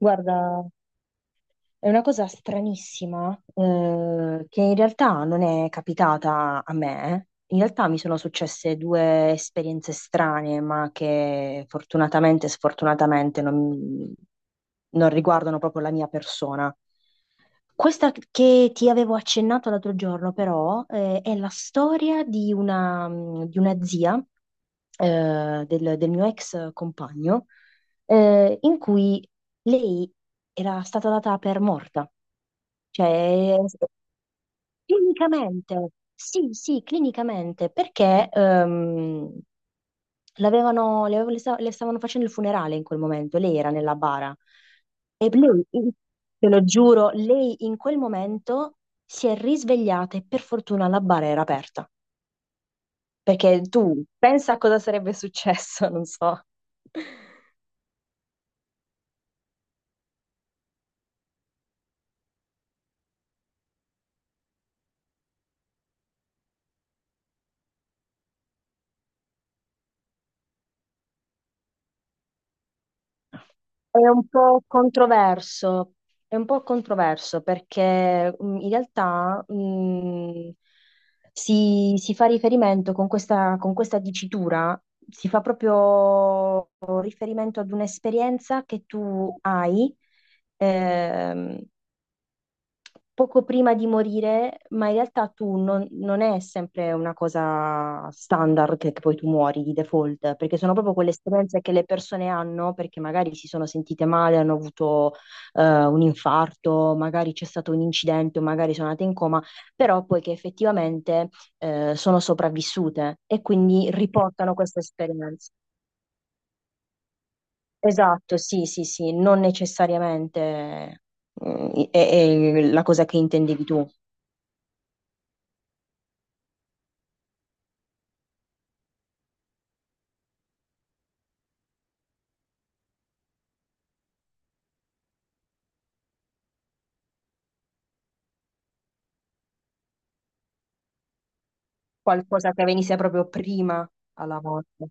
Guarda, è una cosa stranissima, che in realtà non è capitata a me. In realtà mi sono successe due esperienze strane, ma che fortunatamente e sfortunatamente non riguardano proprio la mia persona. Questa che ti avevo accennato l'altro giorno, però, è la storia di una zia del mio ex compagno, in cui lei era stata data per morta, cioè clinicamente, sì, sì, clinicamente, perché l'avevano, le, avev- le sta- le stavano facendo il funerale in quel momento, lei era nella bara e lei, te lo giuro, lei in quel momento si è risvegliata e per fortuna la bara era aperta, perché tu pensa a cosa sarebbe successo, non so. È un po' controverso, è un po' controverso perché in realtà si fa riferimento con questa dicitura, si fa proprio riferimento ad un'esperienza che tu hai, ehm, poco prima di morire, ma in realtà tu non, non è sempre una cosa standard che poi tu muori di default, perché sono proprio quelle esperienze che le persone hanno, perché magari si sono sentite male, hanno avuto un infarto, magari c'è stato un incidente, o magari sono andate in coma, però poi che effettivamente sono sopravvissute e quindi riportano questa esperienza. Esatto, sì, sì, sì, non necessariamente mm, è la cosa che intendevi tu. Qualcosa che venisse proprio prima alla morte.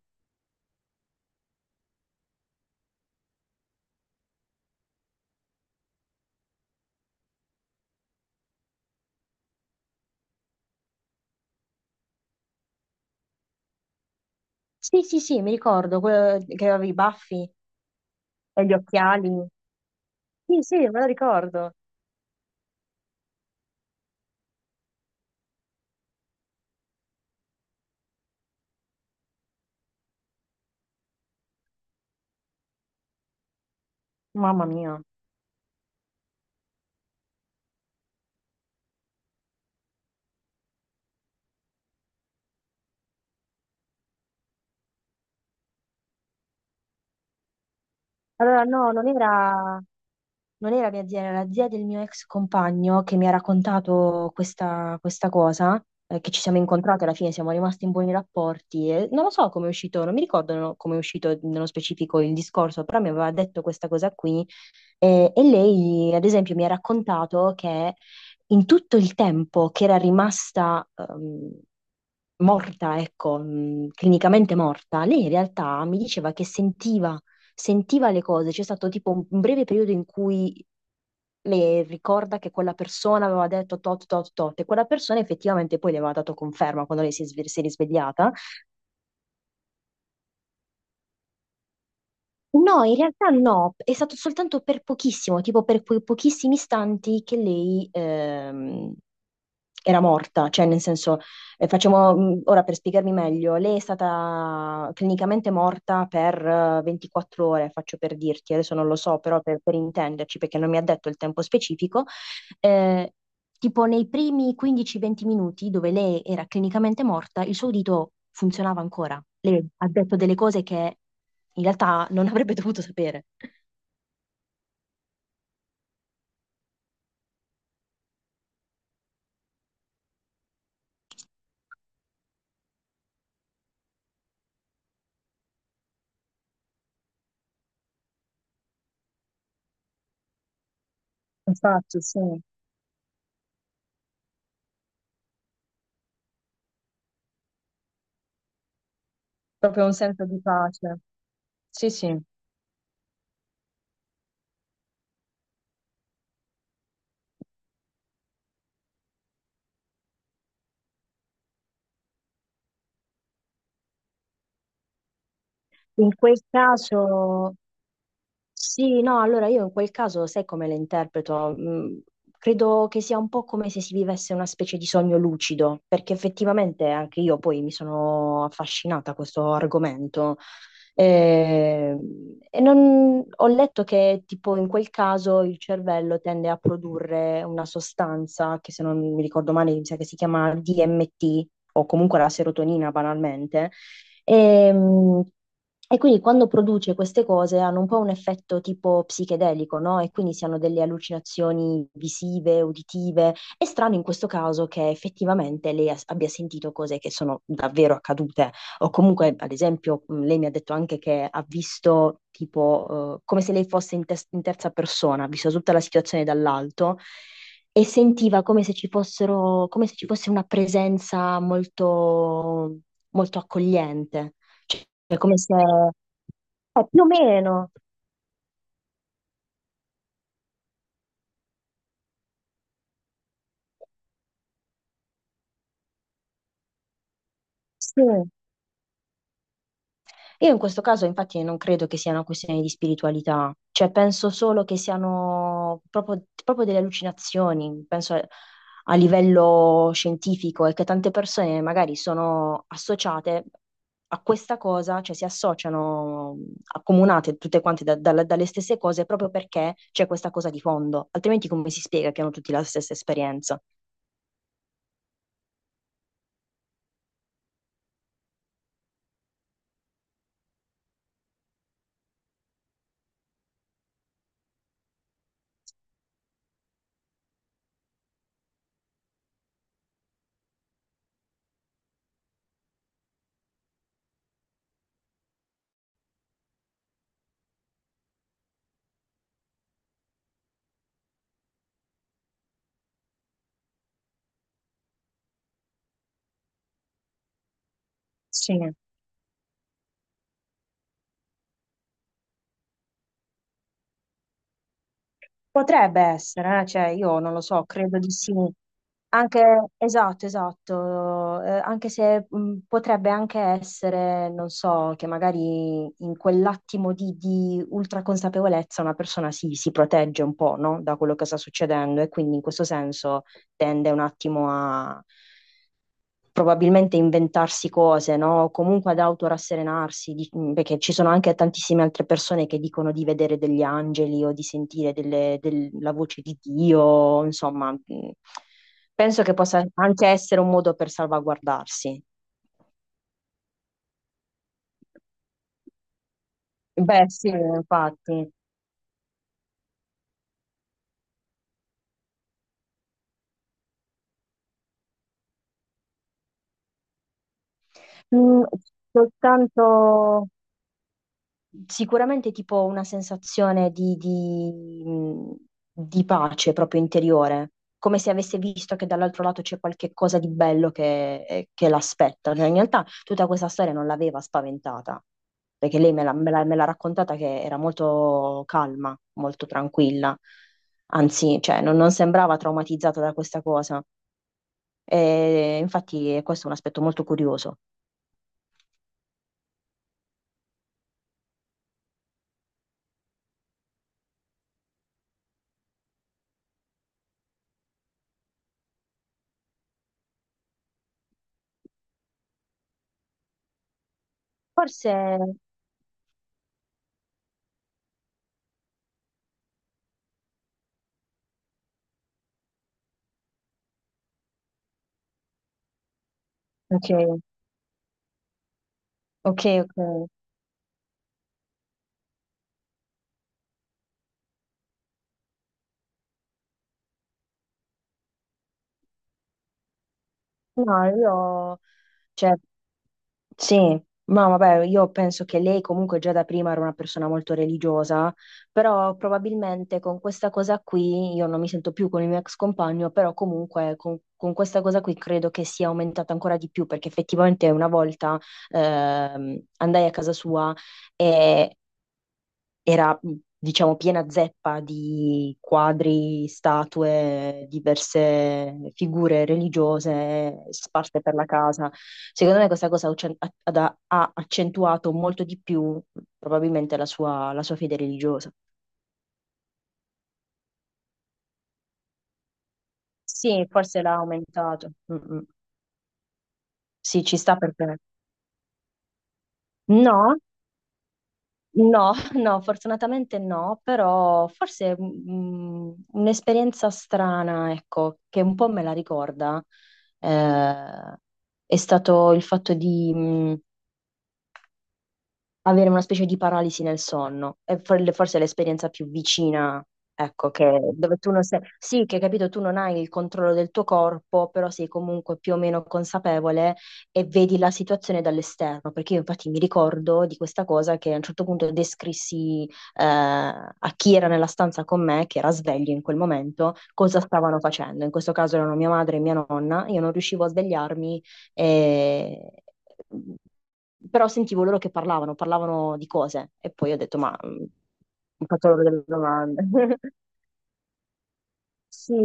Sì, sì, sì, mi ricordo, quello che aveva i baffi e gli occhiali. Sì, sì, me lo ricordo. Mamma mia. Allora, no, non era... Non era mia zia, era la zia del mio ex compagno che mi ha raccontato questa, questa cosa, che ci siamo incontrati alla fine, siamo rimasti in buoni rapporti. E non lo so come è uscito, non mi ricordo come è uscito nello specifico il discorso, però mi aveva detto questa cosa qui. Eh, e lei, ad esempio, mi ha raccontato che in tutto il tempo che era rimasta, morta, ecco, clinicamente morta, lei in realtà mi diceva che sentiva le cose, c'è stato tipo un breve periodo in cui le ricorda che quella persona aveva detto tot tot tot e quella persona effettivamente poi le aveva dato conferma quando lei si è risvegliata. No, in realtà no, è stato soltanto per pochissimo, tipo per quei pochissimi istanti che lei era morta, cioè nel senso, facciamo, ora per spiegarmi meglio, lei è stata clinicamente morta per 24 ore, faccio per dirti, adesso non lo so, però per intenderci, perché non mi ha detto il tempo specifico, eh, tipo nei primi 15-20 minuti dove lei era clinicamente morta, il suo udito funzionava ancora. Lei ha detto delle cose che in realtà non avrebbe dovuto sapere. Infatti, sì, proprio un senso di pace. Sì, sì. In quel caso, sì, no, allora io in quel caso sai come le interpreto? Mm, credo che sia un po' come se si vivesse una specie di sogno lucido, perché effettivamente anche io poi mi sono affascinata a questo argomento. Eh, E, ho letto che tipo in quel caso il cervello tende a produrre una sostanza che se non mi ricordo male mi sa che si chiama DMT o comunque la serotonina banalmente e, mh, e quindi quando produce queste cose hanno un po' un effetto tipo psichedelico, no? E quindi si hanno delle allucinazioni visive, uditive. È strano in questo caso che effettivamente lei abbia sentito cose che sono davvero accadute. O comunque, ad esempio, lei mi ha detto anche che ha visto tipo come se lei fosse in terza persona, ha visto tutta la situazione dall'alto e sentiva come se ci fossero, come se ci fosse una presenza molto accogliente, è come se... è più o meno, sì. Io in questo caso infatti non credo che sia una questione di spiritualità, cioè penso solo che siano proprio, proprio delle allucinazioni, penso a, a livello scientifico e che tante persone magari sono associate a questa cosa, cioè si associano, accomunate tutte quante dalle stesse cose proprio perché c'è questa cosa di fondo, altrimenti come si spiega che hanno tutti la stessa esperienza? Sì. Potrebbe essere, cioè io non lo so, credo di sì. Anche, esatto, esatto, anche se potrebbe anche essere, non so, che magari in quell'attimo di ultra consapevolezza una persona si protegge un po', no? Da quello che sta succedendo e quindi in questo senso tende un attimo a, probabilmente inventarsi cose, no? O comunque ad autorasserenarsi, perché ci sono anche tantissime altre persone che dicono di vedere degli angeli o di sentire la voce di Dio, insomma, penso che possa anche essere un modo per salvaguardarsi. Beh, sì, infatti. Mm, soltanto... Sicuramente tipo una sensazione di pace proprio interiore, come se avesse visto che dall'altro lato c'è qualche cosa di bello che l'aspetta. Cioè, in realtà tutta questa storia non l'aveva spaventata, perché lei me l'ha raccontata che era molto calma, molto tranquilla, anzi, cioè, non sembrava traumatizzata da questa cosa. E, infatti questo è un aspetto molto curioso. Forse... Ok, ok, ok. No, io, cioè, sì, ma vabbè, io penso che lei comunque già da prima era una persona molto religiosa, però probabilmente con questa cosa qui, io non mi sento più con il mio ex compagno, però comunque con questa cosa qui credo che sia aumentata ancora di più, perché effettivamente una volta andai a casa sua e era, diciamo, piena zeppa di quadri, statue, diverse figure religiose sparse per la casa. Secondo me questa cosa ha uccen- ha- ha- ha accentuato molto di più probabilmente la sua fede religiosa. Sì, forse l'ha aumentato. Mm, mm. Sì, ci sta per te. No? No, no, fortunatamente no, però forse mm, mm, un'esperienza strana, ecco, che un po' me la ricorda, eh, è stato il fatto di, mm, avere una specie di paralisi nel sonno. È forse l'esperienza più vicina, ecco, che dove tu non sei... Sì, che capito, tu non hai il controllo del tuo corpo, però sei comunque più o meno consapevole e vedi la situazione dall'esterno. Perché io infatti mi ricordo di questa cosa che a un certo punto descrissi a chi era nella stanza con me, che era sveglio in quel momento, cosa stavano facendo. In questo caso erano mia madre e mia nonna. Io non riuscivo a svegliarmi e però sentivo loro che parlavano, parlavano di cose e poi ho detto, ma mm, ho fatto loro delle domande. Sì,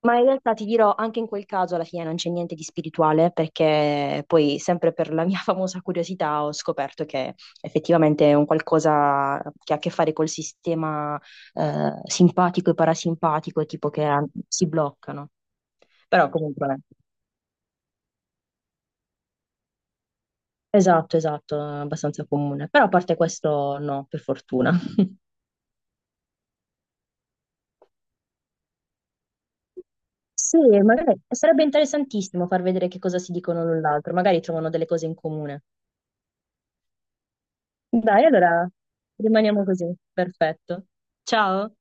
ma in realtà ti dirò, anche in quel caso alla fine non c'è niente di spirituale perché poi sempre per la mia famosa curiosità ho scoperto che effettivamente è un qualcosa che ha a che fare col sistema simpatico e parasimpatico, tipo che ah, si bloccano. Però comunque, esatto, esatto, è abbastanza comune. Però a parte questo no, per fortuna. Sì, magari sarebbe interessantissimo far vedere che cosa si dicono l'un l'altro, magari trovano delle cose in comune. Dai, allora rimaniamo così. Perfetto. Ciao.